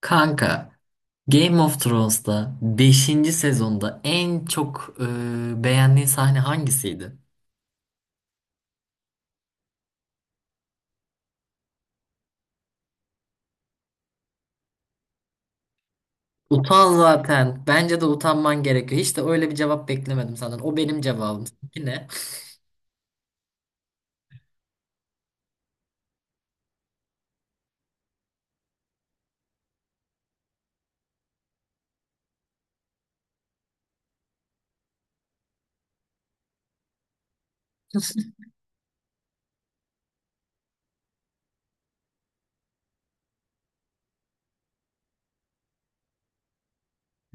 Kanka, Game of Thrones'ta beşinci sezonda en çok beğendiğin sahne hangisiydi? Utan zaten. Bence de utanman gerekiyor. Hiç de öyle bir cevap beklemedim senden. O benim cevabım. Seninki ne?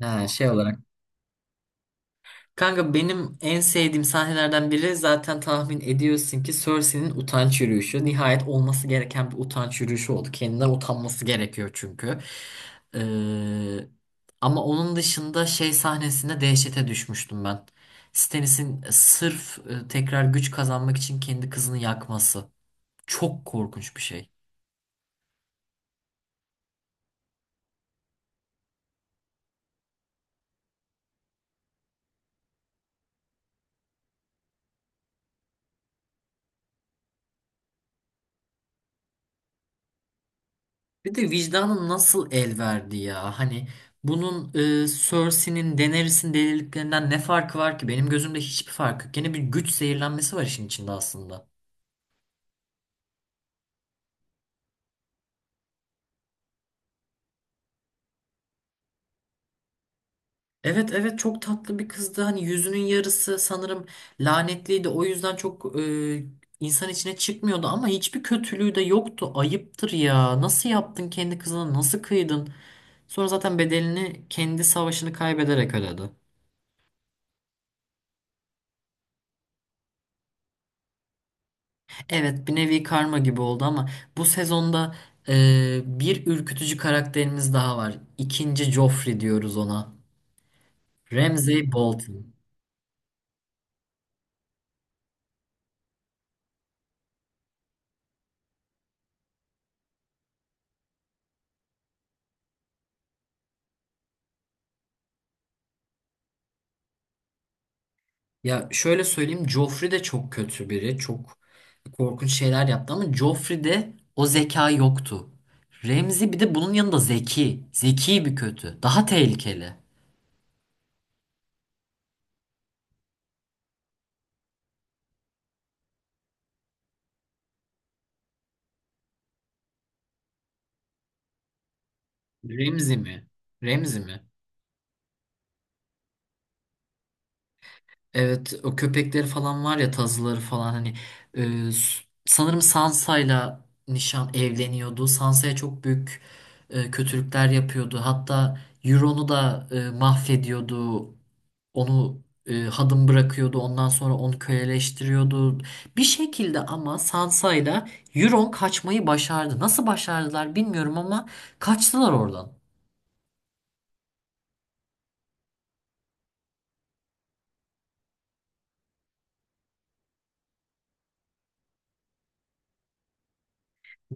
Ha, şey olarak Kanka benim en sevdiğim sahnelerden biri zaten tahmin ediyorsun ki Cersei'nin utanç yürüyüşü. Nihayet olması gereken bir utanç yürüyüşü oldu. Kendinden utanması gerekiyor çünkü. Ee, Ama onun dışında şey sahnesinde dehşete düşmüştüm ben. Stannis'in sırf tekrar güç kazanmak için kendi kızını yakması. Çok korkunç bir şey. Bir de vicdanın nasıl el verdi ya? Hani bunun Cersei'nin Daenerys'in deliliklerinden ne farkı var ki? Benim gözümde hiçbir farkı yok. Gene bir güç zehirlenmesi var işin içinde aslında. Evet evet, çok tatlı bir kızdı. Hani yüzünün yarısı sanırım lanetliydi. O yüzden çok insan içine çıkmıyordu ama hiçbir kötülüğü de yoktu. Ayıptır ya. Nasıl yaptın kendi kızına? Nasıl kıydın? Sonra zaten bedelini kendi savaşını kaybederek ödedi. Evet, bir nevi karma gibi oldu ama bu sezonda bir ürkütücü karakterimiz daha var. İkinci Joffrey diyoruz ona. Ramsay Bolton. Ya şöyle söyleyeyim, Joffrey de çok kötü biri. Çok korkunç şeyler yaptı ama Joffrey'de o zeka yoktu. Ramsay bir de bunun yanında zeki. Zeki bir kötü. Daha tehlikeli. Remzi mi? Remzi mi? Evet, o köpekleri falan var ya, tazıları falan, hani sanırım Sansa'yla nişan evleniyordu. Sansa'ya çok büyük kötülükler yapıyordu. Hatta Euron'u da mahvediyordu. Onu hadım bırakıyordu. Ondan sonra onu köleleştiriyordu. Bir şekilde ama Sansa'yla Euron kaçmayı başardı. Nasıl başardılar bilmiyorum ama kaçtılar oradan.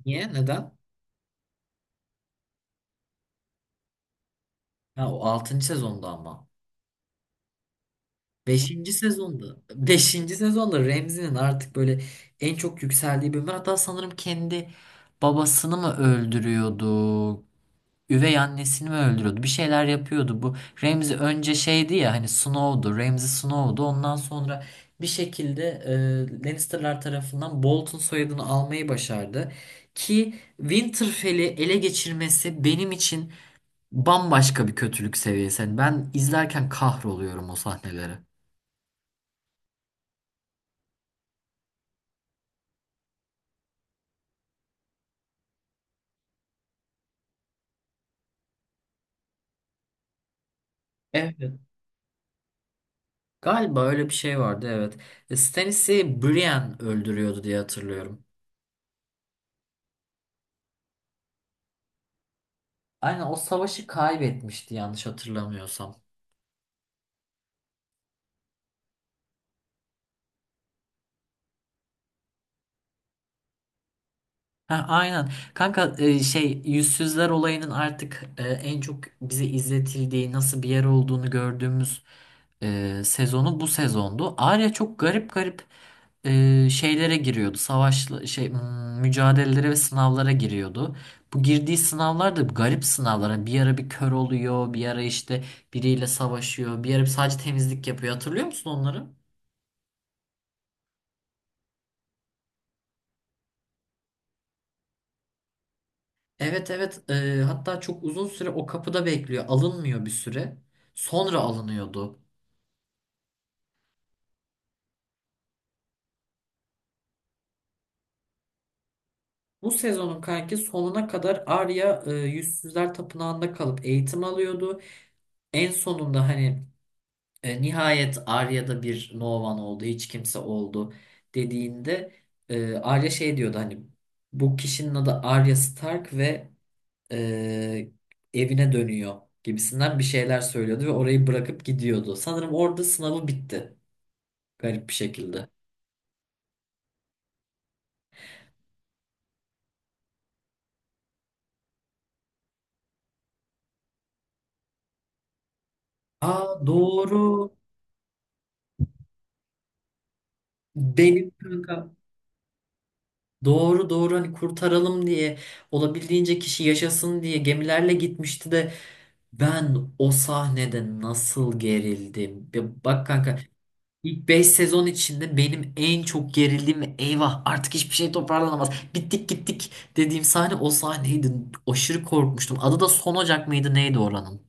Niye? Neden? Ha, o altıncı sezonda ama. Beşinci sezonda, beşinci sezonda Remzi'nin artık böyle en çok yükseldiği bölüm. Hatta sanırım kendi babasını mı öldürüyordu, üvey annesini mi öldürüyordu, bir şeyler yapıyordu. Bu Ramsey önce şeydi ya, hani Snow'du, Ramsey Snow'du. Ondan sonra bir şekilde Lannister'lar tarafından Bolton soyadını almayı başardı. Ki Winterfell'i ele geçirmesi benim için bambaşka bir kötülük seviyesi. Yani ben izlerken kahroluyorum o sahneleri. Evet. Galiba öyle bir şey vardı, evet. E, Stannis'i Brienne öldürüyordu diye hatırlıyorum. Aynen, o savaşı kaybetmişti yanlış hatırlamıyorsam. Ha, aynen. Kanka şey, yüzsüzler olayının artık en çok bize izletildiği nasıl bir yer olduğunu gördüğümüz sezonu bu sezondu. Arya çok garip garip şeylere giriyordu. Savaş şey, hmm, mücadelelere ve sınavlara giriyordu. Bu girdiği sınavlar da garip sınavlar. Hani bir ara bir kör oluyor, bir ara işte biriyle savaşıyor, bir ara sadece temizlik yapıyor. Hatırlıyor musun onları? Evet evet, hatta çok uzun süre o kapıda bekliyor. Alınmıyor bir süre. Sonra alınıyordu. Bu sezonun kanki sonuna kadar Arya Yüzsüzler Tapınağı'nda kalıp eğitim alıyordu. En sonunda hani nihayet Arya'da bir No One oldu, hiç kimse oldu dediğinde Arya şey diyordu, hani bu kişinin adı Arya Stark ve e, evine dönüyor gibisinden bir şeyler söylüyordu ve orayı bırakıp gidiyordu. Sanırım orada sınavı bitti. Garip bir şekilde. Aa, doğru. Benim kanka. Doğru doğru, hani kurtaralım diye olabildiğince kişi yaşasın diye gemilerle gitmişti de ben o sahnede nasıl gerildim. Ya bak kanka, ilk 5 sezon içinde benim en çok gerildiğim ve eyvah artık hiçbir şey toparlanamaz. Bittik gittik dediğim sahne o sahneydi. Aşırı korkmuştum. Adı da Son Ocak mıydı neydi oranın?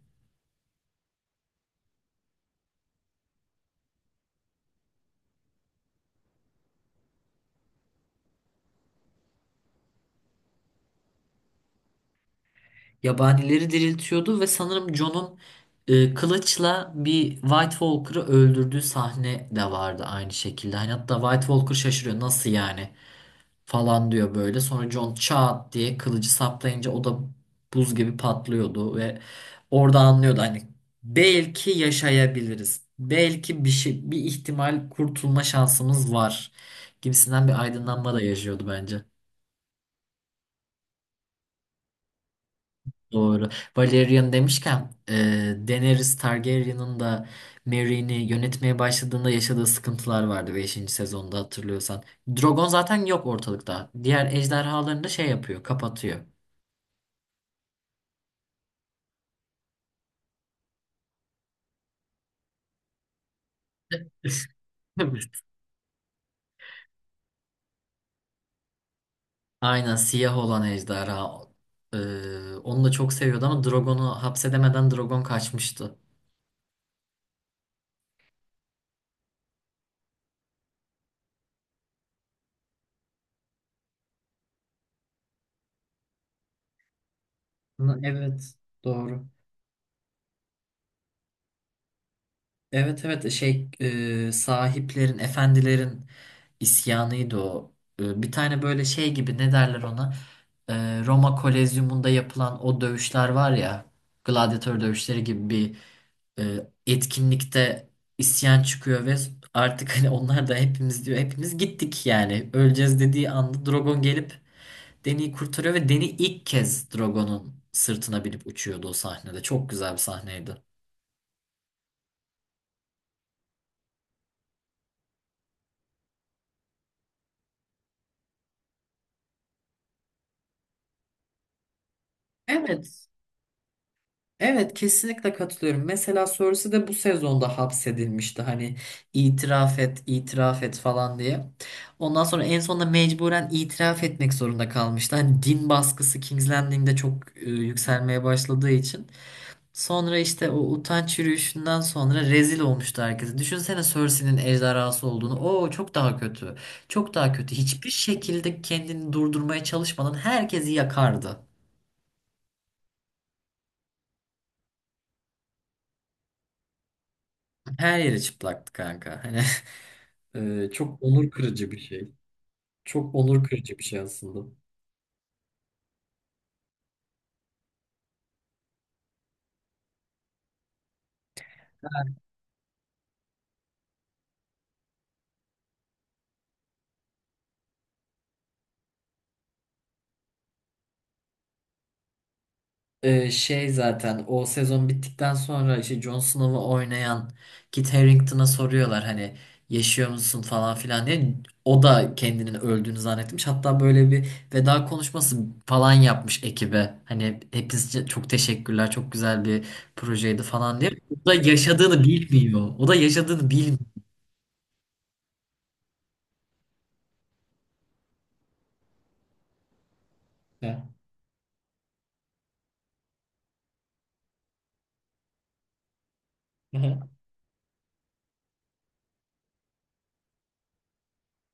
Yabanileri diriltiyordu ve sanırım Jon'un kılıçla bir White Walker'ı öldürdüğü sahne de vardı aynı şekilde. Hani hatta White Walker şaşırıyor, nasıl yani falan diyor böyle. Sonra Jon çat diye kılıcı saplayınca o da buz gibi patlıyordu ve orada anlıyordu, hani belki yaşayabiliriz. Belki bir şey, bir ihtimal kurtulma şansımız var gibisinden bir aydınlanma da yaşıyordu bence. Doğru. Valerian demişken Daenerys Targaryen'ın da Merry'ni yönetmeye başladığında yaşadığı sıkıntılar vardı beşinci sezonda hatırlıyorsan. Drogon zaten yok ortalıkta. Diğer ejderhalarını da şey yapıyor, kapatıyor. Evet. Aynen, siyah olan ejderha. E, Onu da çok seviyordu ama Drogon'u hapsedemeden Drogon kaçmıştı. Ama evet, doğru. Evet evet, sahiplerin, efendilerin isyanıydı o. E, bir tane böyle şey gibi, ne derler ona? E, Roma Kolezyumunda yapılan o dövüşler var ya, gladyatör dövüşleri gibi bir e, etkinlikte isyan çıkıyor ve artık hani onlar da hepimiz diyor, hepimiz gittik yani. Öleceğiz dediği anda Drogon gelip Deni'yi kurtarıyor ve Deni ilk kez Drogon'un sırtına binip uçuyordu o sahnede. Çok güzel bir sahneydi. Evet. Evet, kesinlikle katılıyorum. Mesela Cersei de bu sezonda hapsedilmişti. Hani itiraf et, itiraf et falan diye. Ondan sonra en sonunda mecburen itiraf etmek zorunda kalmıştı. Hani din baskısı King's Landing'de çok yükselmeye başladığı için. Sonra işte o utanç yürüyüşünden sonra rezil olmuştu herkese. Düşünsene Cersei'nin ejderhası olduğunu. Oo, çok daha kötü. Çok daha kötü. Hiçbir şekilde kendini durdurmaya çalışmadan herkesi yakardı. Her yeri çıplaktı kanka. Hani çok onur kırıcı bir şey. Çok onur kırıcı bir şey aslında. Şey, zaten o sezon bittikten sonra işte Jon Snow'u oynayan Kit Harington'a soruyorlar, hani yaşıyor musun falan filan diye. O da kendinin öldüğünü zannetmiş. Hatta böyle bir veda konuşması falan yapmış ekibe. Hani hepinize çok teşekkürler, çok güzel bir projeydi falan diye. O da yaşadığını bilmiyor. O da yaşadığını bilmiyor.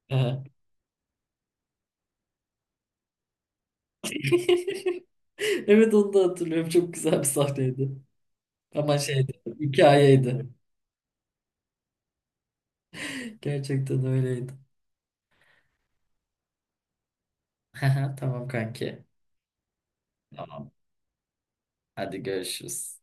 Evet, onu da hatırlıyorum. Çok güzel bir sahneydi. Ama şeydi, hikayeydi. Gerçekten öyleydi. Tamam kanki. Tamam. Hadi görüşürüz.